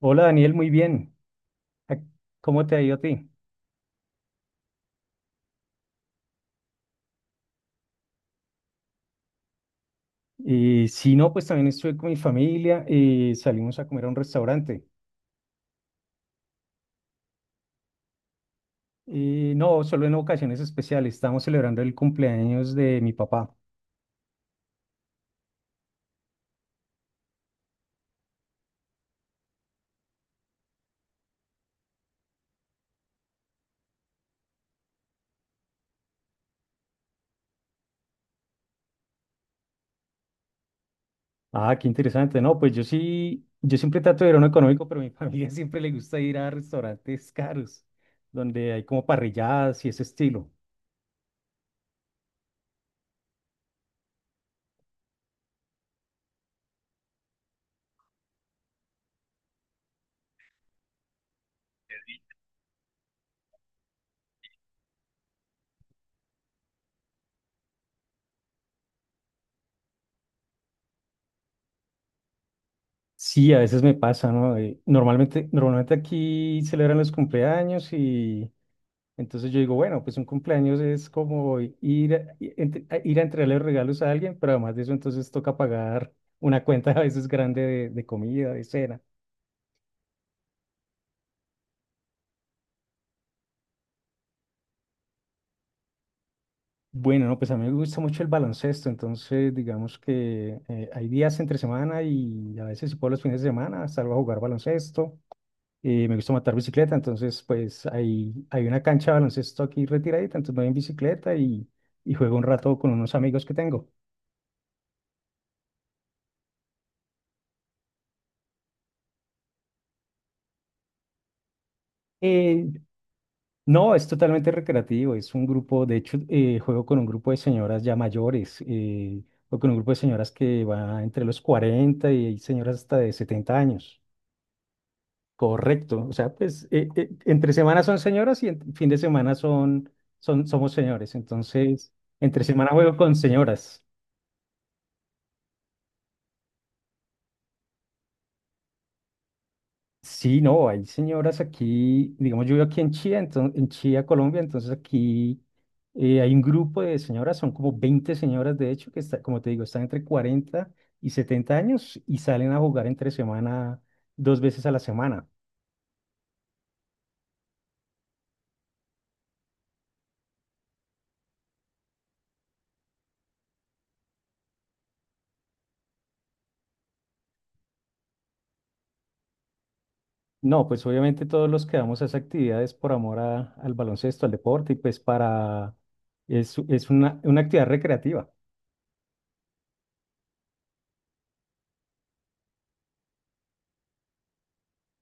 Hola Daniel, muy bien. Ac- ¿Cómo te ha ido a ti? Sí, no, pues también estuve con mi familia y salimos a comer a un restaurante. Y no, solo en ocasiones especiales. Estamos celebrando el cumpleaños de mi papá. Ah, qué interesante. No, pues yo sí, yo siempre trato de ir a uno económico, pero a mi familia siempre le gusta ir a restaurantes caros, donde hay como parrilladas y ese estilo. Sí, a veces me pasa, ¿no? Normalmente aquí celebran los cumpleaños. Y Entonces yo digo, bueno, pues un cumpleaños es como ir a entregarle regalos a alguien, pero además de eso entonces toca pagar una cuenta a veces grande de, comida, de cena. Bueno, no, pues a mí me gusta mucho el baloncesto, entonces digamos que hay días entre semana y a veces si puedo los fines de semana salgo a jugar baloncesto. Me gusta matar bicicleta, entonces pues hay una cancha de baloncesto aquí retiradita, entonces me voy en bicicleta y juego un rato con unos amigos que tengo. Eh, No, es totalmente recreativo. Es un grupo, de hecho, juego con un grupo de señoras ya mayores, o con un grupo de señoras que va entre los 40 y hay señoras hasta de 70 años. Correcto. O sea, pues entre semana son señoras y en fin de semana somos señores. Entonces, entre semana juego con señoras. Sí, no, hay señoras aquí, digamos, yo vivo aquí en Chía, entonces, en Chía, Colombia, entonces aquí hay un grupo de señoras, son como 20 señoras, de hecho, que están entre 40 y 70 años y salen a jugar entre semana, 2 veces a la semana. No, pues obviamente todos los que damos a esas actividades por amor al baloncesto, al deporte, y pues es una actividad recreativa.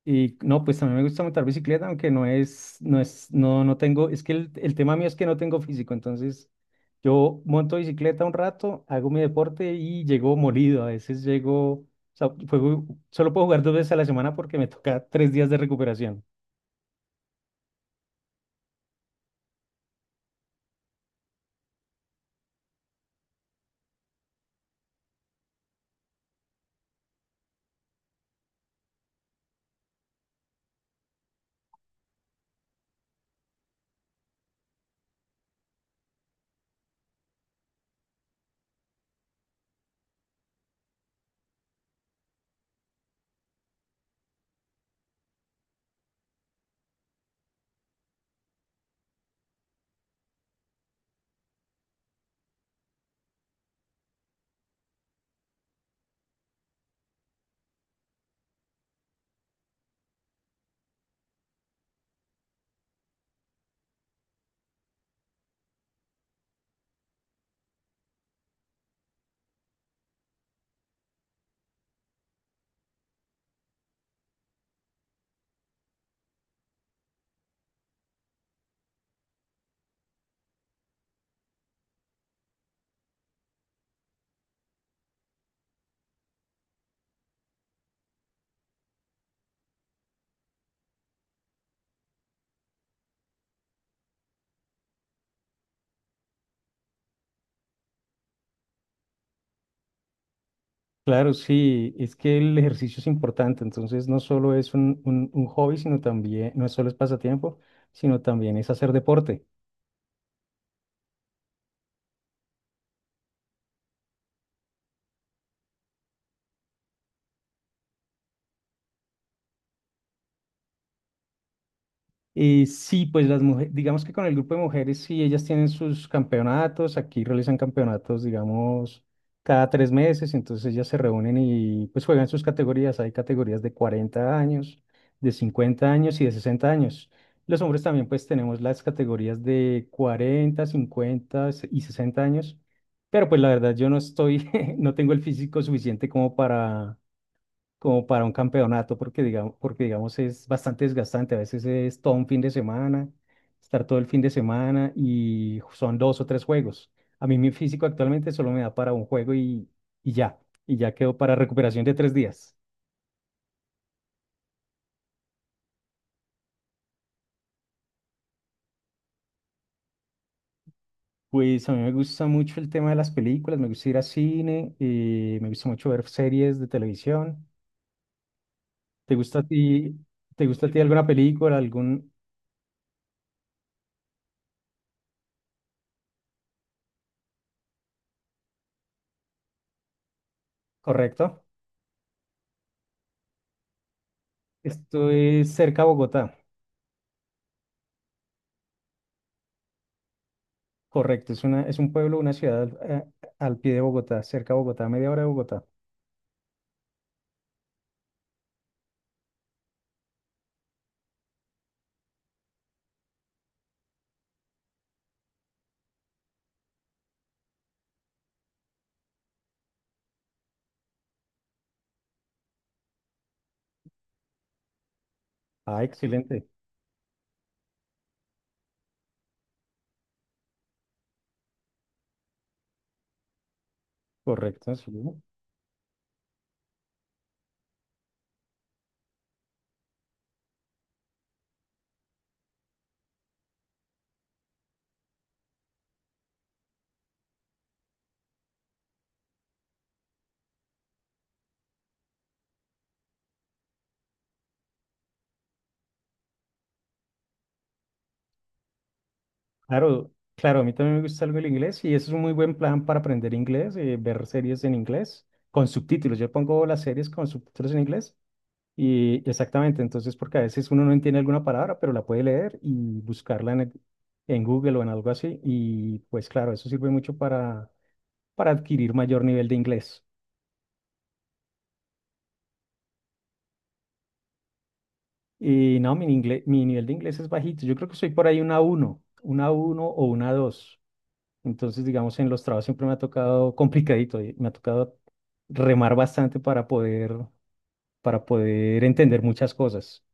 Y no, pues también me gusta montar bicicleta, aunque no tengo, es que el tema mío es que no tengo físico, entonces yo monto bicicleta un rato, hago mi deporte y llego molido, a veces llego, o sea, solo puedo jugar 2 veces a la semana porque me toca 3 días de recuperación. Claro, sí, es que el ejercicio es importante, entonces no solo es un hobby, sino también, no solo es pasatiempo, sino también es hacer deporte. Sí, pues las mujeres, digamos que con el grupo de mujeres, sí, ellas tienen sus campeonatos, aquí realizan campeonatos, digamos, cada 3 meses, entonces ellas se reúnen y pues juegan sus categorías, hay categorías de 40 años, de 50 años y de 60 años. Los hombres también pues tenemos las categorías de 40, 50 y 60 años, pero pues la verdad yo no estoy, no tengo el físico suficiente como para un campeonato, porque digamos es bastante desgastante. A veces es todo un fin de semana, estar todo el fin de semana y son 2 o 3 juegos. A mí mi físico actualmente solo me da para un juego y ya, y ya quedo para recuperación de 3 días. Pues a mí me gusta mucho el tema de las películas, me gusta ir a cine, me gusta mucho ver series de televisión. ¿Te gusta a ti, te gusta a ti alguna película, ¿correcto? Esto es cerca a Bogotá. Correcto, es un pueblo, una ciudad al pie de Bogotá, cerca de Bogotá, media hora de Bogotá. Ah, excelente. Correcto, sí. Claro, claro, a mí también me gusta algo el inglés y eso es un muy buen plan para aprender inglés, ver series en inglés con subtítulos. Yo pongo las series con subtítulos en inglés y exactamente, entonces porque a veces uno no entiende alguna palabra, pero la puede leer y buscarla en Google o en algo así y pues claro, eso sirve mucho para adquirir mayor nivel de inglés. Y no, mi nivel de inglés es bajito. Yo creo que soy por ahí una uno o una dos. Entonces, digamos, en los trabajos siempre me ha tocado complicadito, y me ha tocado remar bastante para poder entender muchas cosas.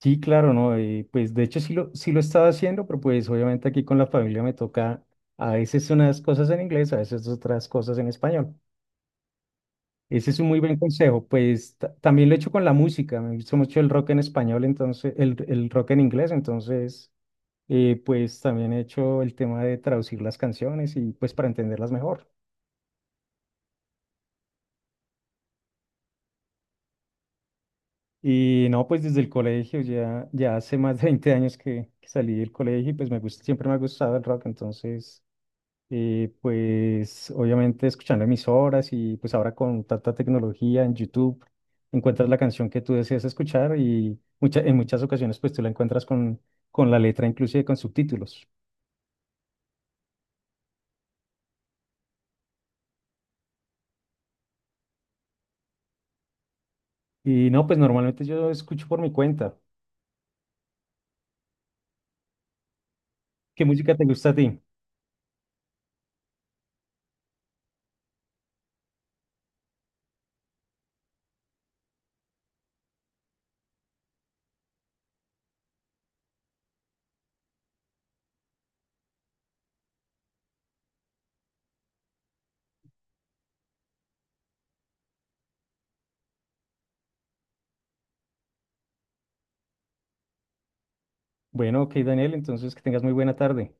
Sí, claro, ¿no? Y pues de hecho sí lo estaba haciendo, pero pues obviamente aquí con la familia me toca a veces unas cosas en inglés, a veces otras cosas en español. Ese es un muy buen consejo. Pues también lo he hecho con la música. Me gusta mucho el rock en español, entonces, el rock en inglés. Entonces, pues también he hecho el tema de traducir las canciones y pues para entenderlas mejor. Y no, pues desde el colegio, ya hace más de 20 años que salí del colegio y pues me gusta, siempre me ha gustado el rock. Entonces, pues obviamente escuchando emisoras y pues ahora con tanta tecnología en YouTube encuentras la canción que tú deseas escuchar y en muchas ocasiones pues tú la encuentras con la letra inclusive con subtítulos. Y no, pues normalmente yo escucho por mi cuenta. ¿Qué música te gusta a ti? Bueno, ok Daniel, entonces que tengas muy buena tarde.